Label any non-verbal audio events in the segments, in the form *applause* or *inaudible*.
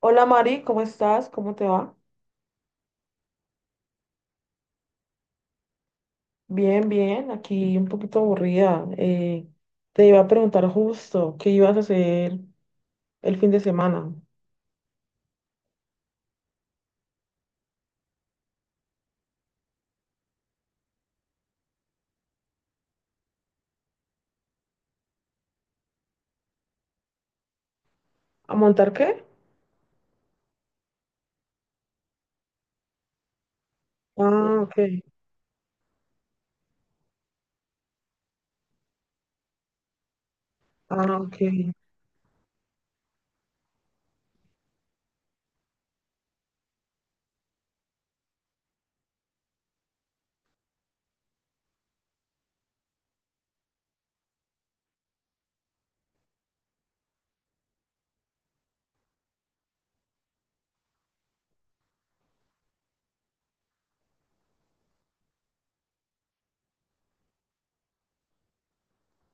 Hola Mari, ¿cómo estás? ¿Cómo te va? Bien, bien, aquí un poquito aburrida. Te iba a preguntar justo qué ibas a hacer el fin de semana. ¿A montar qué? Ah, ok. Ah, ok.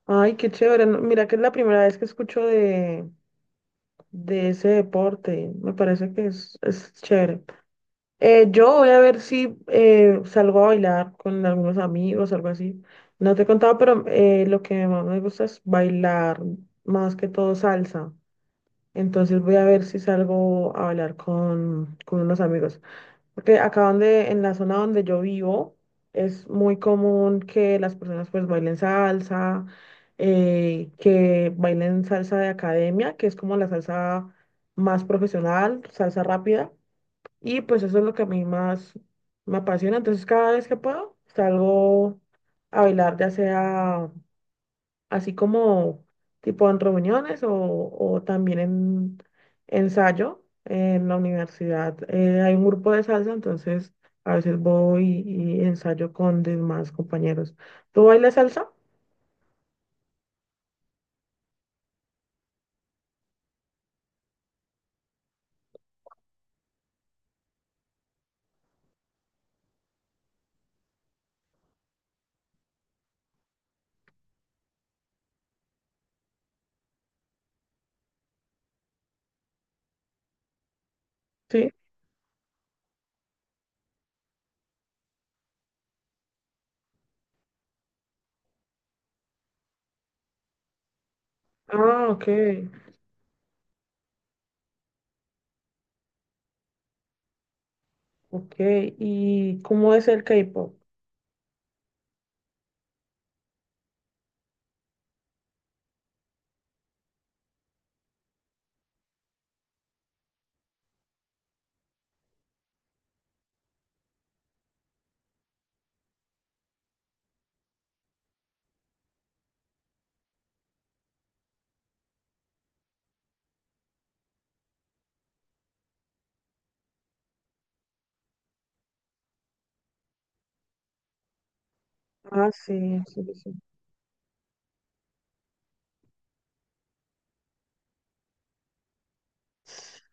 Ay, qué chévere. No, mira que es la primera vez que escucho de ese deporte. Me parece que es chévere. Yo voy a ver si salgo a bailar con algunos amigos, algo así. No te he contado, pero lo que más me gusta es bailar, más que todo salsa. Entonces voy a ver si salgo a hablar con unos amigos. Porque acá donde, en la zona donde yo vivo, es muy común que las personas pues bailen salsa, que bailen salsa de academia, que es como la salsa más profesional, salsa rápida. Y pues eso es lo que a mí más me apasiona. Entonces cada vez que puedo, salgo a bailar, ya sea así como tipo en reuniones o también en ensayo en la universidad. Hay un grupo de salsa, entonces a veces voy y ensayo con demás compañeros. ¿Tú bailas salsa? Sí. Ah, ok, ok. ¿Y cómo es el K-pop? Ah, sí, sí, sí.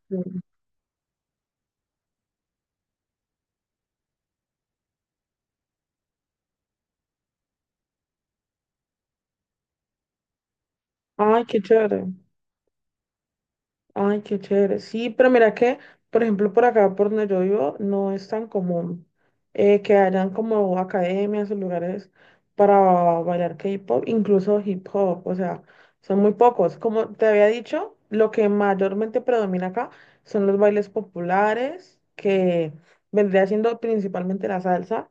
Sí. Ay, qué chévere. Ay, qué chévere. Sí, pero mira que, por ejemplo, por acá, por donde yo vivo, no es tan común que hayan como academias o lugares para bailar K-pop, incluso hip hop. O sea, son muy pocos. Como te había dicho, lo que mayormente predomina acá son los bailes populares, que vendría siendo principalmente la salsa,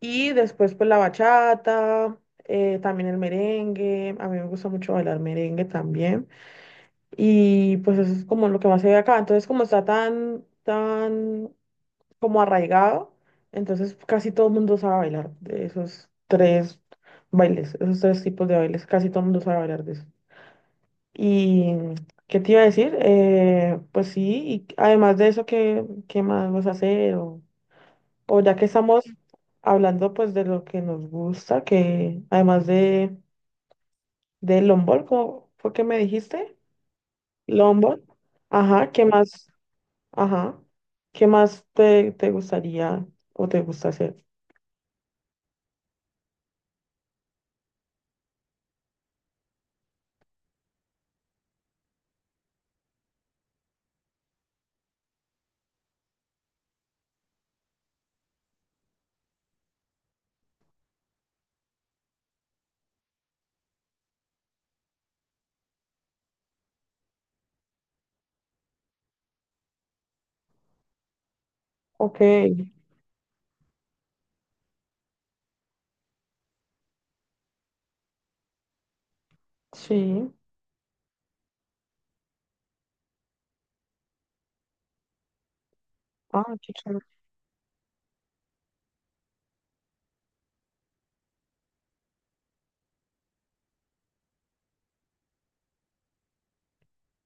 y después pues la bachata, también el merengue. A mí me gusta mucho bailar merengue también. Y pues eso es como lo que más se ve acá. Entonces, como está tan, tan como arraigado, entonces casi todo el mundo sabe bailar de esos tres bailes, esos tres tipos de bailes, casi todo el mundo sabe bailar de eso. ¿Y qué te iba a decir? Pues sí, y además de eso, ¿qué más vas a hacer? O ya que estamos hablando pues de lo que nos gusta, que además de longboard, ¿cómo fue que me dijiste? Longboard. Ajá, ¿qué más? Ajá. ¿Qué más te gustaría o te gusta hacer? Ok, sí. Ah, qué chévere.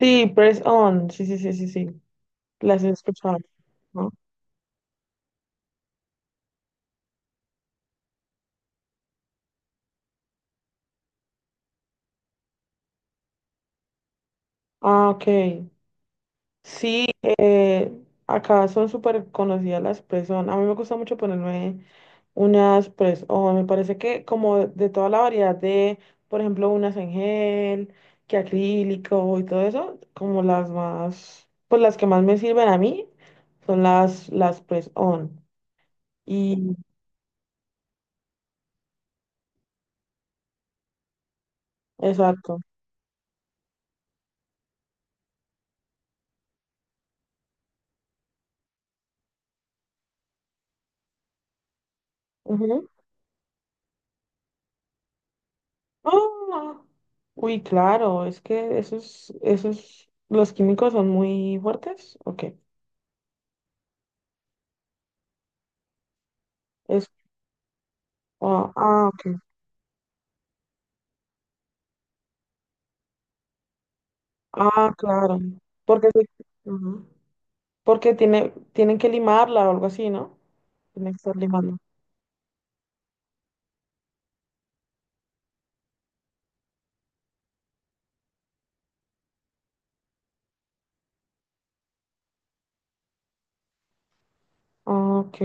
Sí, press on. Sí, sí, sí, sí, sí. Las he escuchado, ¿no? Ah, ok. Sí, acá son súper conocidas las press on. A mí me gusta mucho ponerme unas, pues, o me parece que como de toda la variedad de, por ejemplo, unas en gel, que acrílico y todo eso, como las más, pues las que más me sirven a mí son las press-on. Y, exacto. Ujú. Ah, uy, claro, es que esos, los químicos son muy fuertes. Ok. Es, ok. Ah, claro. Porque, ujú. Porque tienen que limarla o algo así, ¿no? Tiene que estar limando. Ok,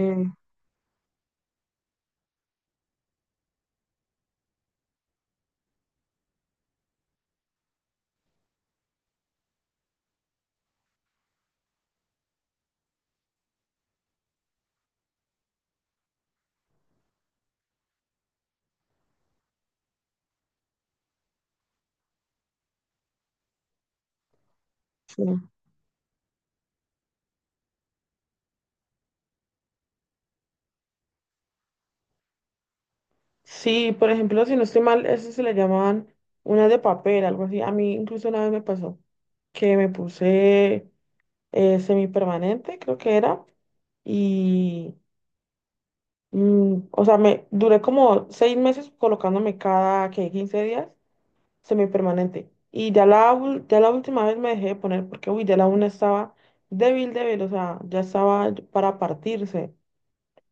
sí. Sí, por ejemplo, si no estoy mal, eso se le llamaban unas de papel, algo así. A mí incluso una vez me pasó que me puse semipermanente, creo que era, y, o sea, me duré como 6 meses colocándome que 15 días, semipermanente. Y ya la última vez me dejé de poner porque, uy, ya la una estaba débil, débil, o sea, ya estaba para partirse.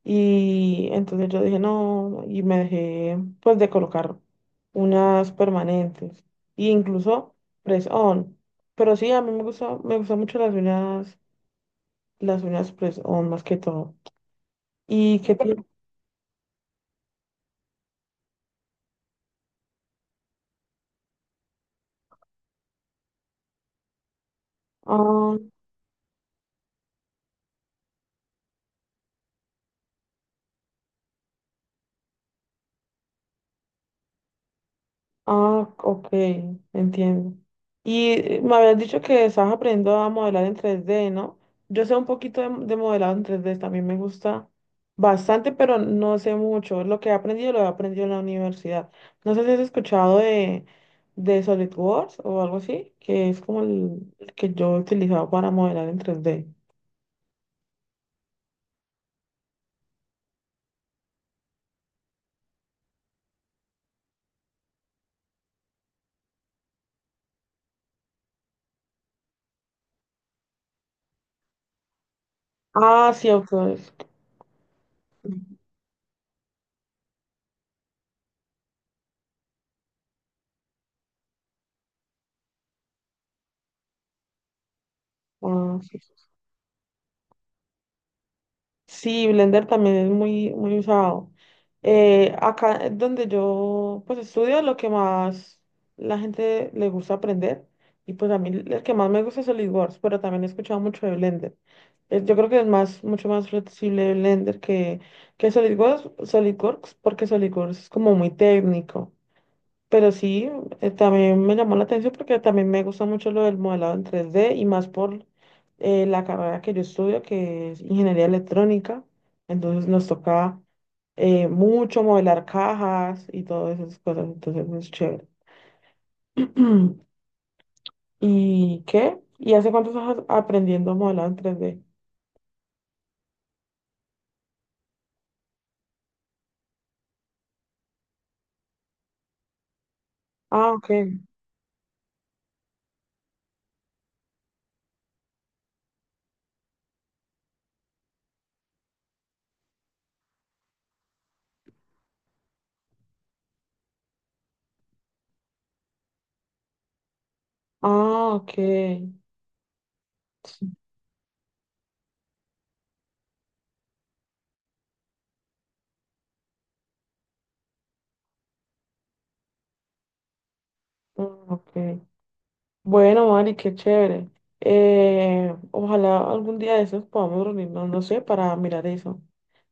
Y entonces yo dije, no, y me dejé pues de colocar unas permanentes. E incluso press on. Pero sí, a mí me gusta, me gustan mucho las uñas press on más que todo. ¿Y qué te, Ah, ok, entiendo. Y me habías dicho que estabas aprendiendo a modelar en 3D, ¿no? Yo sé un poquito de modelado en 3D. También me gusta bastante, pero no sé mucho. Lo que he aprendido lo he aprendido en la universidad. No sé si has escuchado de SolidWorks o algo así, que es como el que yo he utilizado para modelar en 3D. Ah, sí, ok. Ah, sí. Sí, Blender también es muy, muy usado. Acá donde yo pues estudio, lo que más la gente le gusta aprender, y pues a mí el que más me gusta es SolidWorks, pero también he escuchado mucho de Blender. Yo creo que es más, mucho más flexible Blender que SolidWorks, porque SolidWorks es como muy técnico. Pero sí, también me llamó la atención porque también me gusta mucho lo del modelado en 3D y más por la carrera que yo estudio, que es ingeniería electrónica. Entonces nos toca mucho modelar cajas y todas esas cosas. Entonces es chévere. *clears throat* ¿Y qué? ¿Y hace cuánto estás aprendiendo modelado en 3D? Ah, ok. Ah, ok. Sí. Ah, ok. Bueno, Mari, qué chévere. Ojalá algún día de esos podamos reunirnos, no sé, para mirar eso.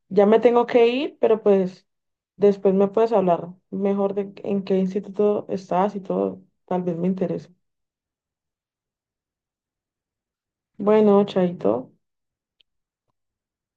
Ya me tengo que ir, pero pues después me puedes hablar mejor de en qué instituto estás y todo. Tal vez me interese. Bueno, chaito.